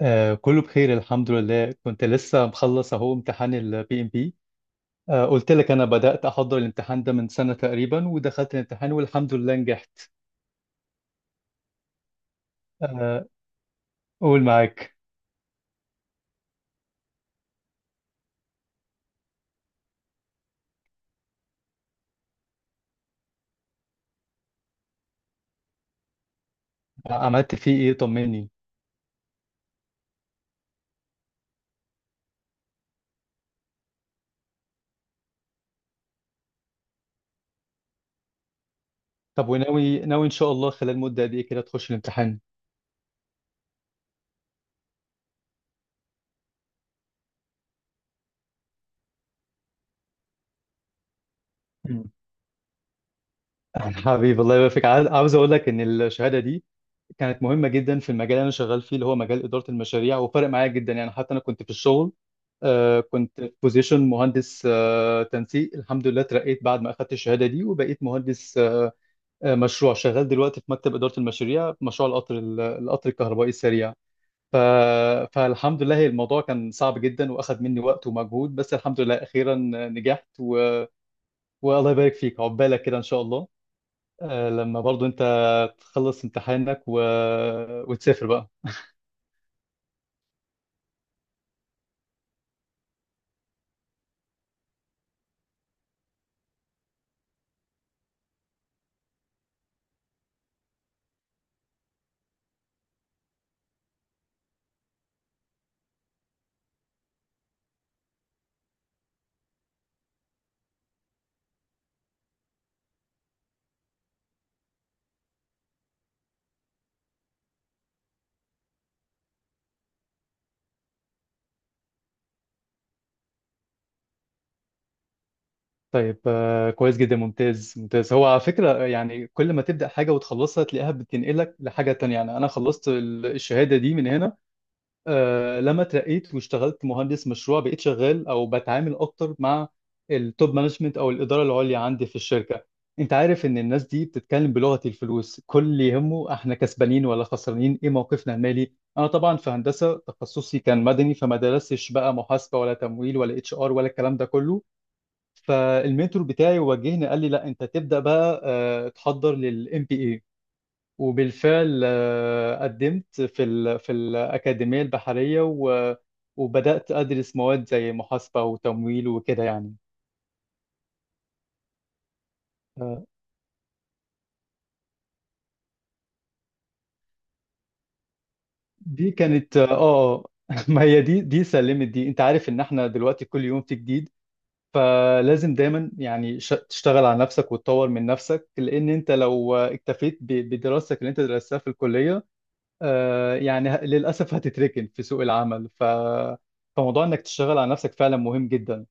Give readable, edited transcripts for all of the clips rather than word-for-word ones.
آه، كله بخير الحمد لله. كنت لسه مخلص اهو امتحان البي ام بي. آه، قلت لك انا بدأت احضر الامتحان ده من سنة تقريبا، ودخلت الامتحان والحمد لله نجحت. آه، قول معاك. عملت فيه ايه؟ طمني. طب وناوي ناوي ان شاء الله خلال مدة قد ايه كده تخش الامتحان؟ مم. حبيبي، الله يبارك فيك. عاوز اقول لك ان الشهادة دي كانت مهمة جدا في المجال اللي أنا شغال فيه، اللي هو مجال إدارة المشاريع. وفرق معايا جدا يعني، حتى أنا كنت في الشغل، كنت في بوزيشن مهندس تنسيق. الحمد لله اترقيت بعد ما أخدت الشهادة دي، وبقيت مهندس مشروع شغال دلوقتي في مكتب إدارة المشاريع، في مشروع القطر الكهربائي السريع. ف... فالحمد لله، هي الموضوع كان صعب جدا وأخد مني وقت ومجهود، بس الحمد لله أخيرا نجحت. والله يبارك فيك، عقبالك كده إن شاء الله. لما برضو أنت تخلص امتحانك وتسافر بقى. طيب، كويس جدا، ممتاز ممتاز. هو على فكرة يعني كل ما تبدأ حاجة وتخلصها تلاقيها بتنقلك لحاجة تانية. يعني أنا خلصت الشهادة دي من هنا، لما اترقيت واشتغلت مهندس مشروع. بقيت شغال أو بتعامل أكتر مع التوب مانجمنت أو الإدارة العليا عندي في الشركة. أنت عارف إن الناس دي بتتكلم بلغة الفلوس، كل اللي يهمه إحنا كسبانين ولا خسرانين، إيه موقفنا المالي. أنا طبعا في هندسة تخصصي كان مدني، فما درستش بقى محاسبة ولا تمويل ولا اتش ار ولا الكلام ده كله. فالمنتور بتاعي وجهني، قال لي لا انت تبدا بقى تحضر للام بي اي. وبالفعل قدمت في الاكاديميه البحريه، وبدات ادرس مواد زي محاسبه وتمويل وكده يعني. آه، دي كانت ما هي دي سلمت دي. انت عارف ان احنا دلوقتي كل يوم في جديد، فلازم دايما يعني تشتغل على نفسك وتطور من نفسك. لان انت لو اكتفيت بدراستك اللي انت درستها في الكليه، يعني للأسف هتتركن في سوق العمل. فموضوع إنك تشتغل على نفسك فعلا مهم جدا.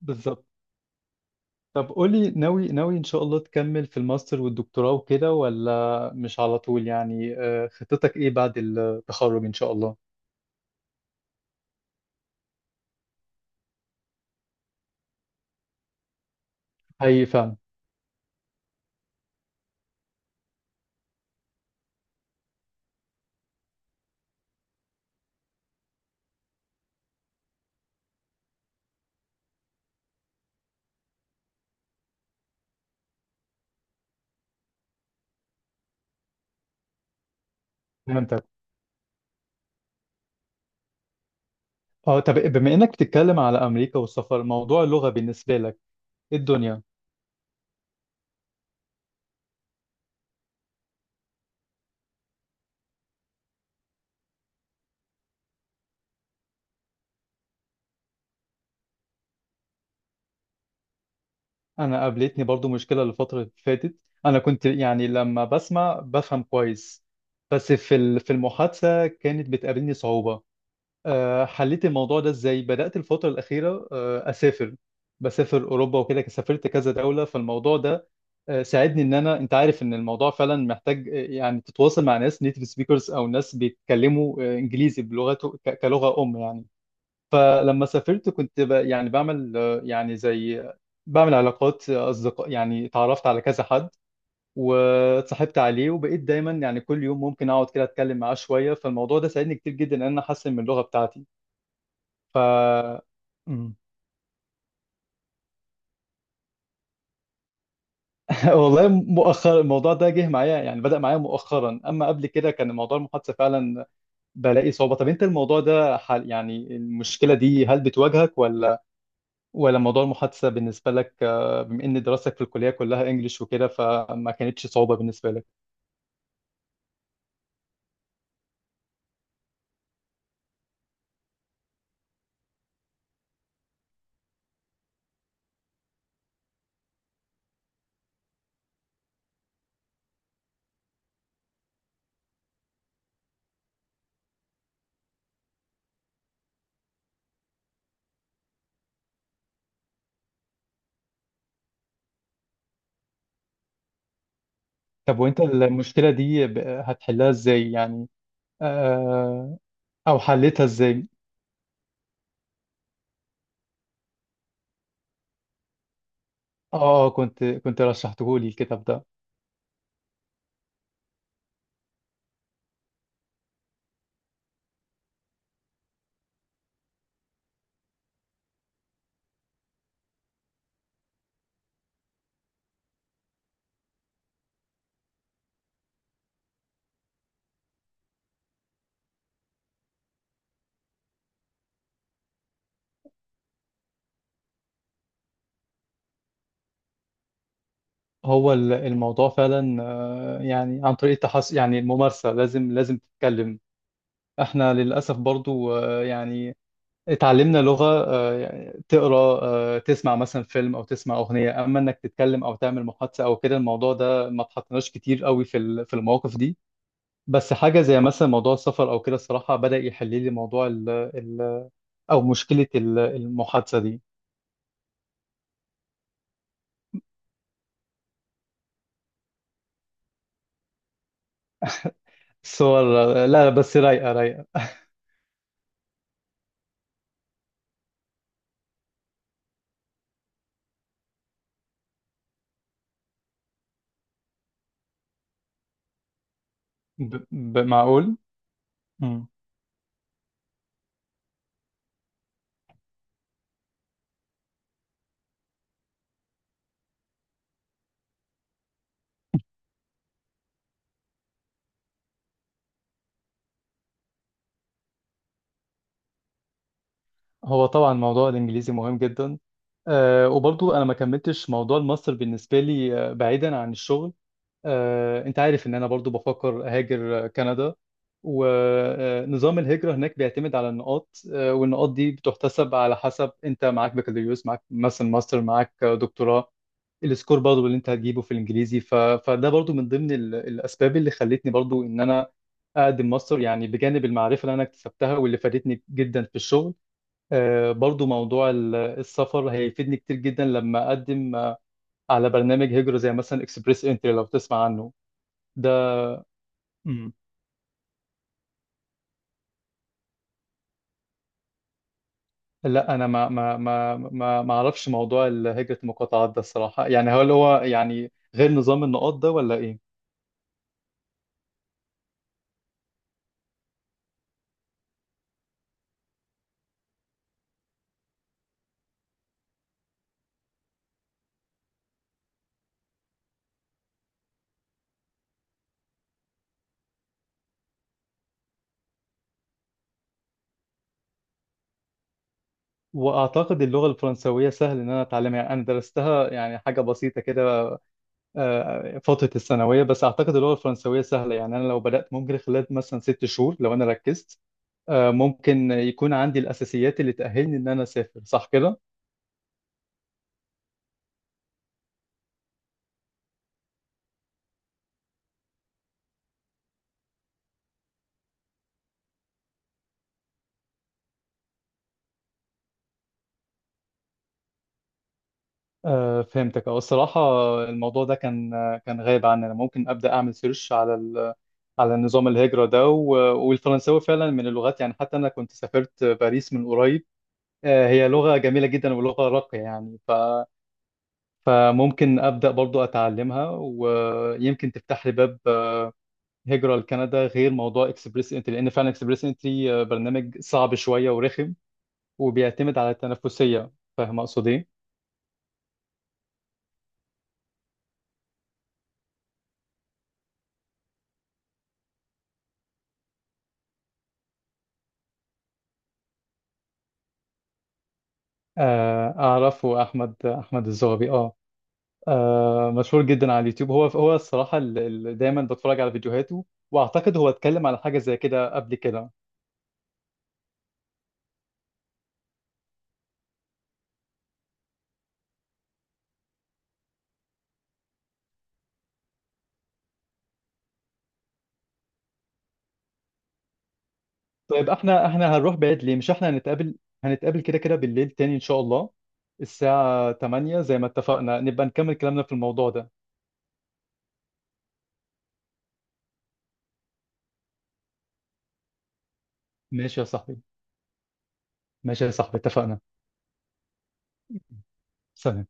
بالظبط. طب قولي ناوي ناوي إن شاء الله تكمل في الماستر والدكتوراه وكده، ولا مش على طول يعني؟ خطتك إيه بعد التخرج إن شاء الله؟ حقيقي فعلا. فهمتك. اه، طب بما إنك بتتكلم على أمريكا والسفر، موضوع اللغة بالنسبة لك إيه الدنيا؟ انا قابلتني برضو مشكله الفتره اللي فاتت. انا كنت يعني لما بسمع بفهم كويس، بس في المحادثه كانت بتقابلني صعوبه. أه، حليت الموضوع ده ازاي؟ بدات الفتره الاخيره اسافر، بسافر اوروبا وكده، سافرت كذا دوله. فالموضوع ده ساعدني ان انا انت عارف ان الموضوع فعلا محتاج، يعني تتواصل مع ناس نيتيف سبيكرز، او ناس بيتكلموا انجليزي بلغته كلغه ام يعني. فلما سافرت كنت يعني بعمل، يعني زي بعمل علاقات أصدقاء. يعني اتعرفت على كذا حد واتصاحبت عليه، وبقيت دايما يعني كل يوم ممكن أقعد كده أتكلم معاه شوية. فالموضوع ده ساعدني كتير جدا إن أنا أحسن من اللغة بتاعتي ف مم. والله مؤخرا الموضوع ده جه معايا يعني، بدأ معايا مؤخرا. أما قبل كده كان موضوع المحادثة فعلا بلاقي صعوبة. طب أنت الموضوع ده حل، يعني المشكلة دي هل بتواجهك، ولا موضوع المحادثة بالنسبة لك بما إن دراستك في الكلية كلها إنجليش وكده فما كانتش صعوبة بالنسبة لك؟ طب وإنت المشكلة دي هتحلها إزاي يعني، آه، أو حلتها إزاي؟ آه، كنت رشحته لي الكتاب ده. هو الموضوع فعلا، يعني عن طريق يعني الممارسة. لازم لازم تتكلم. إحنا للأسف برضو يعني اتعلمنا لغة، يعني تقرا، تسمع مثلا فيلم او تسمع اغنية. اما انك تتكلم او تعمل محادثة او كده، الموضوع ده ما اتحطناش كتير قوي في المواقف دي. بس حاجة زي مثلا موضوع السفر او كده الصراحة بدأ يحل لي موضوع ال ال او مشكلة المحادثة دي. الصور، لا لا، بس رايقة رايقة. معقول. مم. هو طبعا موضوع الانجليزي مهم جدا. وبرضو انا ما كملتش موضوع الماستر بالنسبة لي، بعيدا عن الشغل. انت عارف ان انا برضو بفكر اهاجر كندا. ونظام الهجرة هناك بيعتمد على النقاط، والنقاط دي بتحتسب على حسب انت معاك بكالوريوس، معاك مثلا ماستر، معاك دكتوراه. السكور برضو اللي انت هتجيبه في الانجليزي. فده برضو من ضمن الاسباب اللي خلتني برضو ان انا اقدم ماستر، يعني بجانب المعرفة اللي انا اكتسبتها واللي فادتني جدا في الشغل. برضو موضوع السفر هيفيدني كتير جدا لما اقدم على برنامج هجرة زي مثلا اكسبريس انتري، لو تسمع عنه. مم. لا انا ما اعرفش موضوع هجرة المقاطعات ده الصراحة، يعني هل هو يعني غير نظام النقاط ده ولا ايه؟ واعتقد اللغة الفرنسوية سهل ان انا اتعلمها. يعني انا درستها يعني حاجة بسيطة كده، فترة الثانوية، بس اعتقد اللغة الفرنسوية سهلة. يعني انا لو بدأت ممكن خلال مثلا ست شهور لو انا ركزت، ممكن يكون عندي الأساسيات اللي تأهلني إن أنا أسافر، صح كده؟ فهمتك. الصراحة الموضوع ده كان غايب عني. أنا ممكن أبدأ أعمل سيرش على نظام الهجرة ده، والفرنساوي فعلا من اللغات. يعني حتى أنا كنت سافرت باريس من قريب، هي لغة جميلة جدا ولغة راقية يعني. فممكن أبدأ برضو أتعلمها، ويمكن تفتح لي باب هجرة لكندا غير موضوع إكسبريس إنتري. لأن فعلا إكسبريس إنتري برنامج صعب شوية ورخم، وبيعتمد على التنافسية. فاهم أقصد إيه؟ آه، أعرفه، أحمد الزغبي، أه. آه مشهور جدا على اليوتيوب. هو الصراحة اللي دايما بتفرج على فيديوهاته. واعتقد هو اتكلم على حاجة زي كده قبل كده. طيب احنا هنروح بعيد ليه؟ مش احنا هنتقابل كده كده بالليل تاني ان شاء الله الساعة 8، زي ما اتفقنا نبقى نكمل كلامنا في الموضوع ده. ماشي يا صاحبي، ماشي يا صاحبي، اتفقنا. سلام.